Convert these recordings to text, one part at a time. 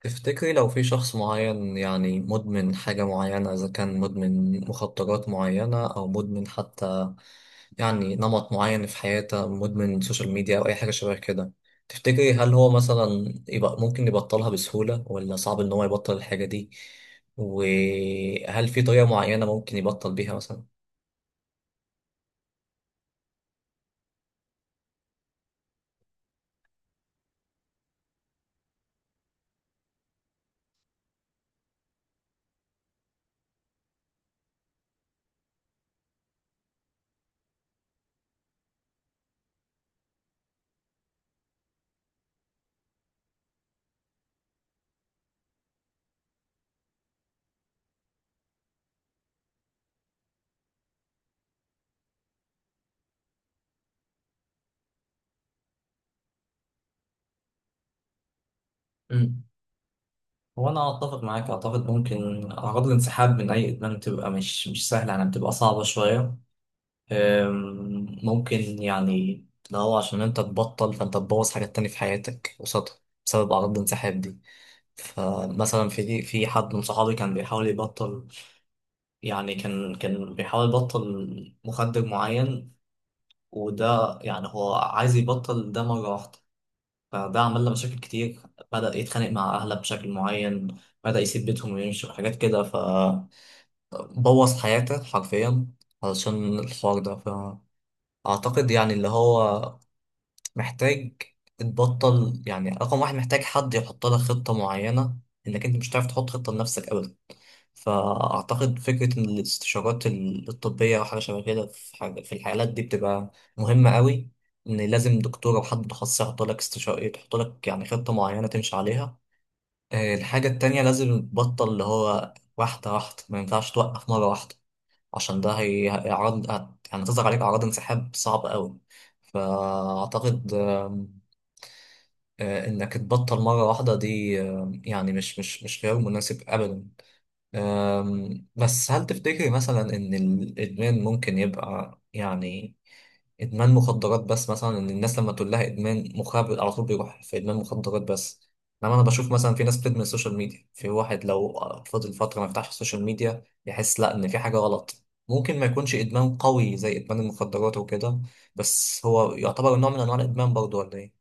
تفتكري لو في شخص معين، يعني مدمن حاجة معينة، إذا كان مدمن مخدرات معينة أو مدمن حتى يعني نمط معين في حياته، مدمن سوشيال ميديا أو أي حاجة شبه كده. تفتكري هل هو مثلا يبقى ممكن يبطلها بسهولة ولا صعب إن هو يبطل الحاجة دي؟ وهل في طريقة معينة ممكن يبطل بيها مثلا؟ مم. هو انا اتفق معاك، اعتقد ممكن اعراض الانسحاب من اي ادمان بتبقى مش سهله، يعني بتبقى صعبه شويه. ممكن يعني لو هو عشان انت تبطل فانت تبوظ حاجات تانية في حياتك قصادها بسبب أعراض الانسحاب دي. فمثلا في حد من صحابي كان بيحاول يبطل، يعني كان بيحاول يبطل مخدر معين، وده يعني هو عايز يبطل ده مرة واحدة، فده عمل له مشاكل كتير. بدأ يتخانق مع أهله بشكل معين، بدأ يسيب بيتهم ويمشي وحاجات كده، فبوظ حياته حرفيا علشان الحوار ده. اعتقد يعني اللي هو محتاج تبطل، يعني رقم واحد محتاج حد يحط لك خطة معينة، لأنك أنت مش هتعرف تحط خطة لنفسك أبدا. فأعتقد فكرة إن الاستشارات الطبية أو حاجة شبه كده، في حاجة في الحالات دي بتبقى مهمة قوي. إن لازم دكتور أو حد متخصص يحط لك استشارة، يحط لك يعني خطة معينة تمشي عليها. الحاجة التانية لازم تبطل اللي هو واحدة واحدة، ما ينفعش توقف مرة واحدة، عشان ده هيعرض، يعني تظهر عليك أعراض انسحاب صعبة قوي. فأعتقد انك تبطل مرة واحدة دي، يعني مش خيار مناسب ابدا. بس هل تفتكري مثلا ان الادمان ممكن يبقى يعني ادمان مخدرات بس؟ مثلا ان الناس لما تقول لها ادمان مخابر على طول بيروح في ادمان مخدرات بس، انما انا بشوف مثلا في ناس بتدمن السوشيال ميديا. في واحد لو فضل فترة ما يفتحش السوشيال ميديا يحس لا ان في حاجة غلط، ممكن ما يكونش ادمان قوي زي ادمان المخدرات وكده، بس هو يعتبر نوع من انواع الادمان برضه ولا ايه؟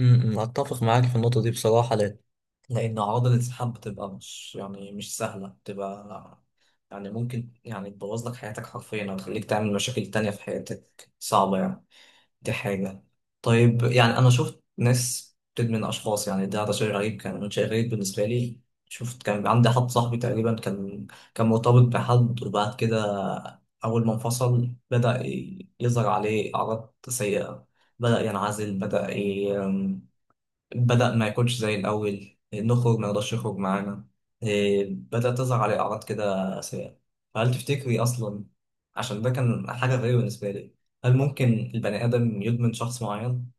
اتفق معاك في النقطه دي بصراحه، لان اعراض الانسحاب بتبقى مش يعني مش سهله، بتبقى يعني ممكن يعني تبوظ لك حياتك حرفيا او تخليك تعمل مشاكل تانية في حياتك صعبه يعني، دي حاجه. طيب يعني انا شفت ناس بتدمن اشخاص، يعني ده شيء غريب، كان شيء غريب بالنسبه لي. شفت كان عندي حد صاحبي تقريبا كان مرتبط بحد، وبعد كده اول ما انفصل بدأ يظهر عليه اعراض سيئه. بدأ ينعزل، بدأ ما يكونش زي الأول، نخرج ما يقدرش يخرج معانا. إيه، بدأت تظهر عليه أعراض كده سيئة. فهل تفتكري أصلا، عشان ده كان حاجة غريبة بالنسبة لي، هل ممكن البني آدم يدمن شخص معين؟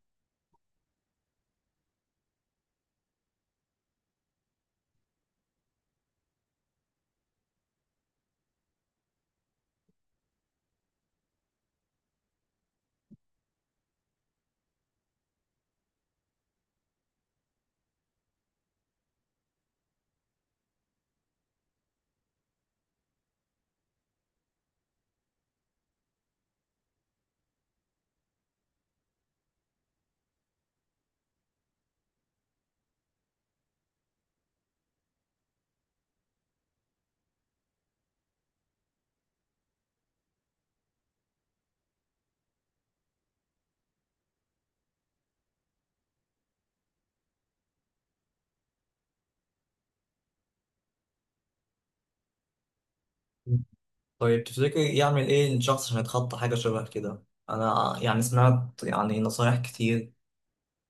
طيب تفتكري يعمل إيه الشخص عشان يتخطى حاجة شبه كده؟ أنا يعني سمعت يعني نصايح كتير،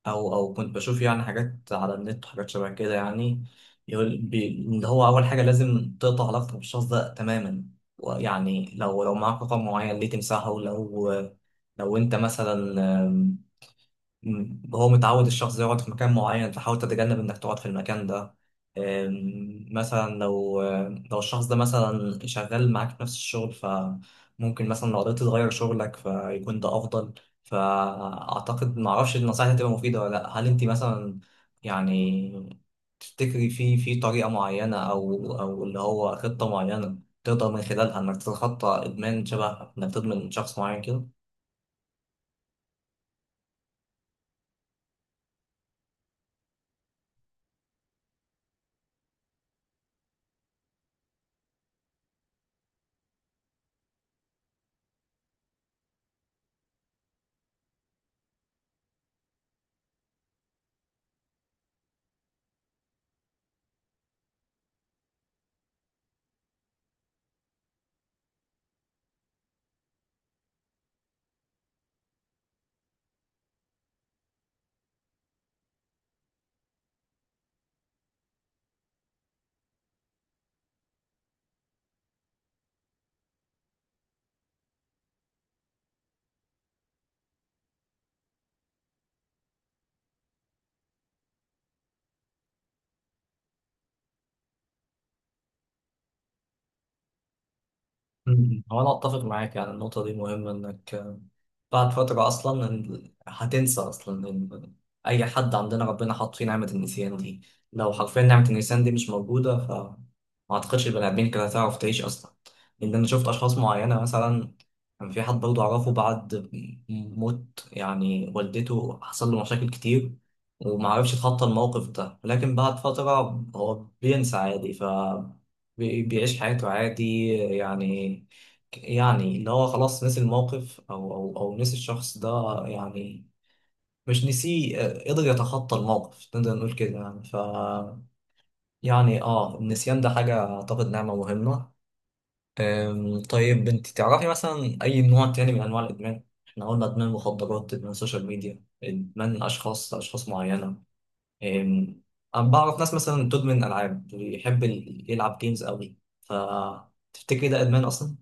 او كنت بشوف يعني حاجات على النت وحاجات شبه كده يعني. يقول ان هو اول حاجه لازم تقطع علاقتك بالشخص ده تماما. ويعني لو معاك رقم معين ليه تمسحه، لو انت مثلا، مم. هو متعود الشخص ده يقعد في مكان معين فحاول تتجنب انك تقعد في المكان ده. مثلا لو الشخص ده مثلا شغال معاك في نفس الشغل، فممكن مثلا لو قدرت تغير شغلك فيكون ده افضل. فاعتقد معرفش النصائح دي هتبقى مفيدة ولا لا. هل انت مثلا يعني تفتكري في طريقة معينة او اللي هو خطة معينة تقدر من خلالها انك تتخطى ادمان، شبه انك تدمن شخص معين كده؟ مم. هو انا اتفق معاك، يعني النقطه دي مهمه، انك بعد فتره اصلا هتنسى اصلا، إن اي حد عندنا ربنا حاط فيه نعمه النسيان دي. لو حرفيا نعمه النسيان دي مش موجوده، ف ما اعتقدش البني ادمين كانت هتعرف تعيش اصلا. لان انا شفت اشخاص معينه، مثلا كان في حد برضه اعرفه بعد موت يعني والدته حصل له مشاكل كتير، وما عرفش يتخطى الموقف ده. لكن بعد فتره هو بينسى عادي، بيعيش حياته عادي يعني. يعني اللي هو خلاص نسي الموقف او نسي الشخص ده يعني، مش نسيه، قدر يتخطى الموقف، نقدر نقول كده يعني، ف يعني النسيان ده حاجة اعتقد نعمة مهمة. طيب انت تعرفي مثلا اي نوع تاني من انواع الادمان؟ احنا قلنا ادمان مخدرات، ادمان سوشيال ميديا، ادمان اشخاص، اشخاص معينة. أم، أنا بعرف ناس مثلا بتدمن ألعاب، بيحب يلعب جيمز قوي. فتفتكري ده إدمان أصلا؟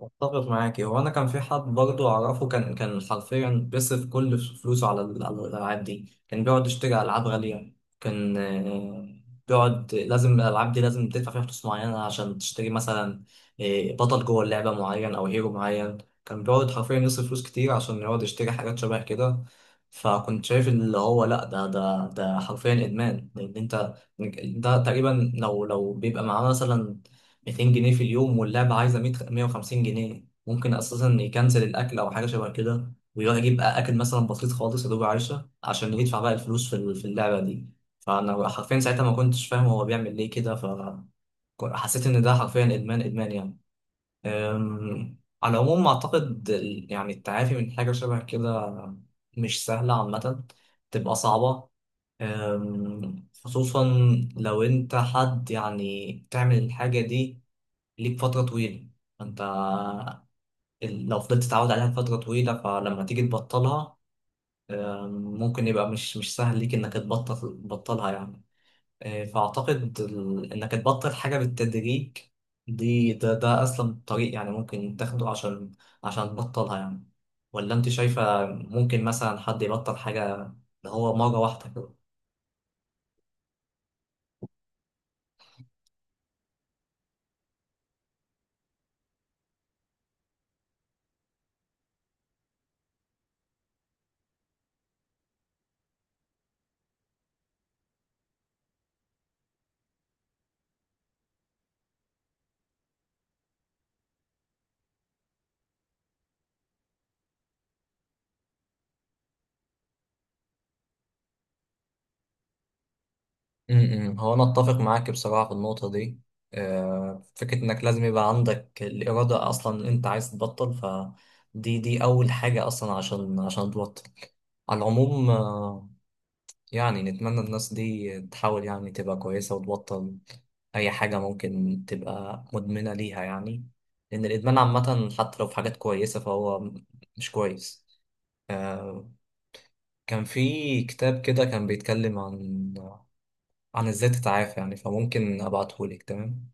اتفق معاكي. هو انا كان في حد برضه اعرفه كان حرفيا بيصرف كل فلوسه على على الالعاب دي، كان بيقعد يشتري العاب غاليه. كان بيقعد، لازم الالعاب دي لازم تدفع فيها فلوس معينه عشان تشتري مثلا بطل جوه اللعبه معين او هيرو معين. كان بيقعد حرفيا يصرف فلوس كتير عشان يقعد يشتري حاجات شبه كده. فكنت شايف اللي هو لا، ده حرفيا ادمان، لان انت ده تقريبا، لو بيبقى معاه مثلا 200 جنيه في اليوم واللعبة عايزة 100 150 جنيه، ممكن أساسا يكنسل الأكل أو حاجة شبه كده ويروح يجيب أكل مثلا بسيط خالص يا دوب عيشة عشان يدفع بقى الفلوس في اللعبة دي. فأنا حرفيا ساعتها ما كنتش فاهم هو بيعمل ليه كده، فحسيت إن ده حرفيا إدمان إدمان يعني. على العموم أعتقد يعني التعافي من حاجة شبه كده مش سهلة عامة، تبقى صعبة. خصوصا لو أنت حد يعني تعمل الحاجة دي ليك فترة طويلة، فانت لو فضلت تتعود عليها فترة طويلة، فلما تيجي تبطلها، آم، ممكن يبقى مش سهل ليك انك تبطلها يعني. فاعتقد انك تبطل حاجة بالتدريج دي، ده اسلم طريق يعني ممكن تاخده، عشان تبطلها يعني. ولا انت شايفة ممكن مثلا حد يبطل حاجة اللي هو مرة واحدة؟ هو انا اتفق معاك بصراحه في النقطه دي. فكره انك لازم يبقى عندك الاراده اصلا ان انت عايز تبطل، فدي اول حاجه اصلا عشان تبطل. على العموم يعني نتمنى الناس دي تحاول يعني تبقى كويسه وتبطل اي حاجه ممكن تبقى مدمنه ليها يعني. لان الادمان عامه حتى لو في حاجات كويسه فهو مش كويس. آه، كان في كتاب كده كان بيتكلم عن ازاي تتعافى يعني، فممكن ابعتهولك. تمام.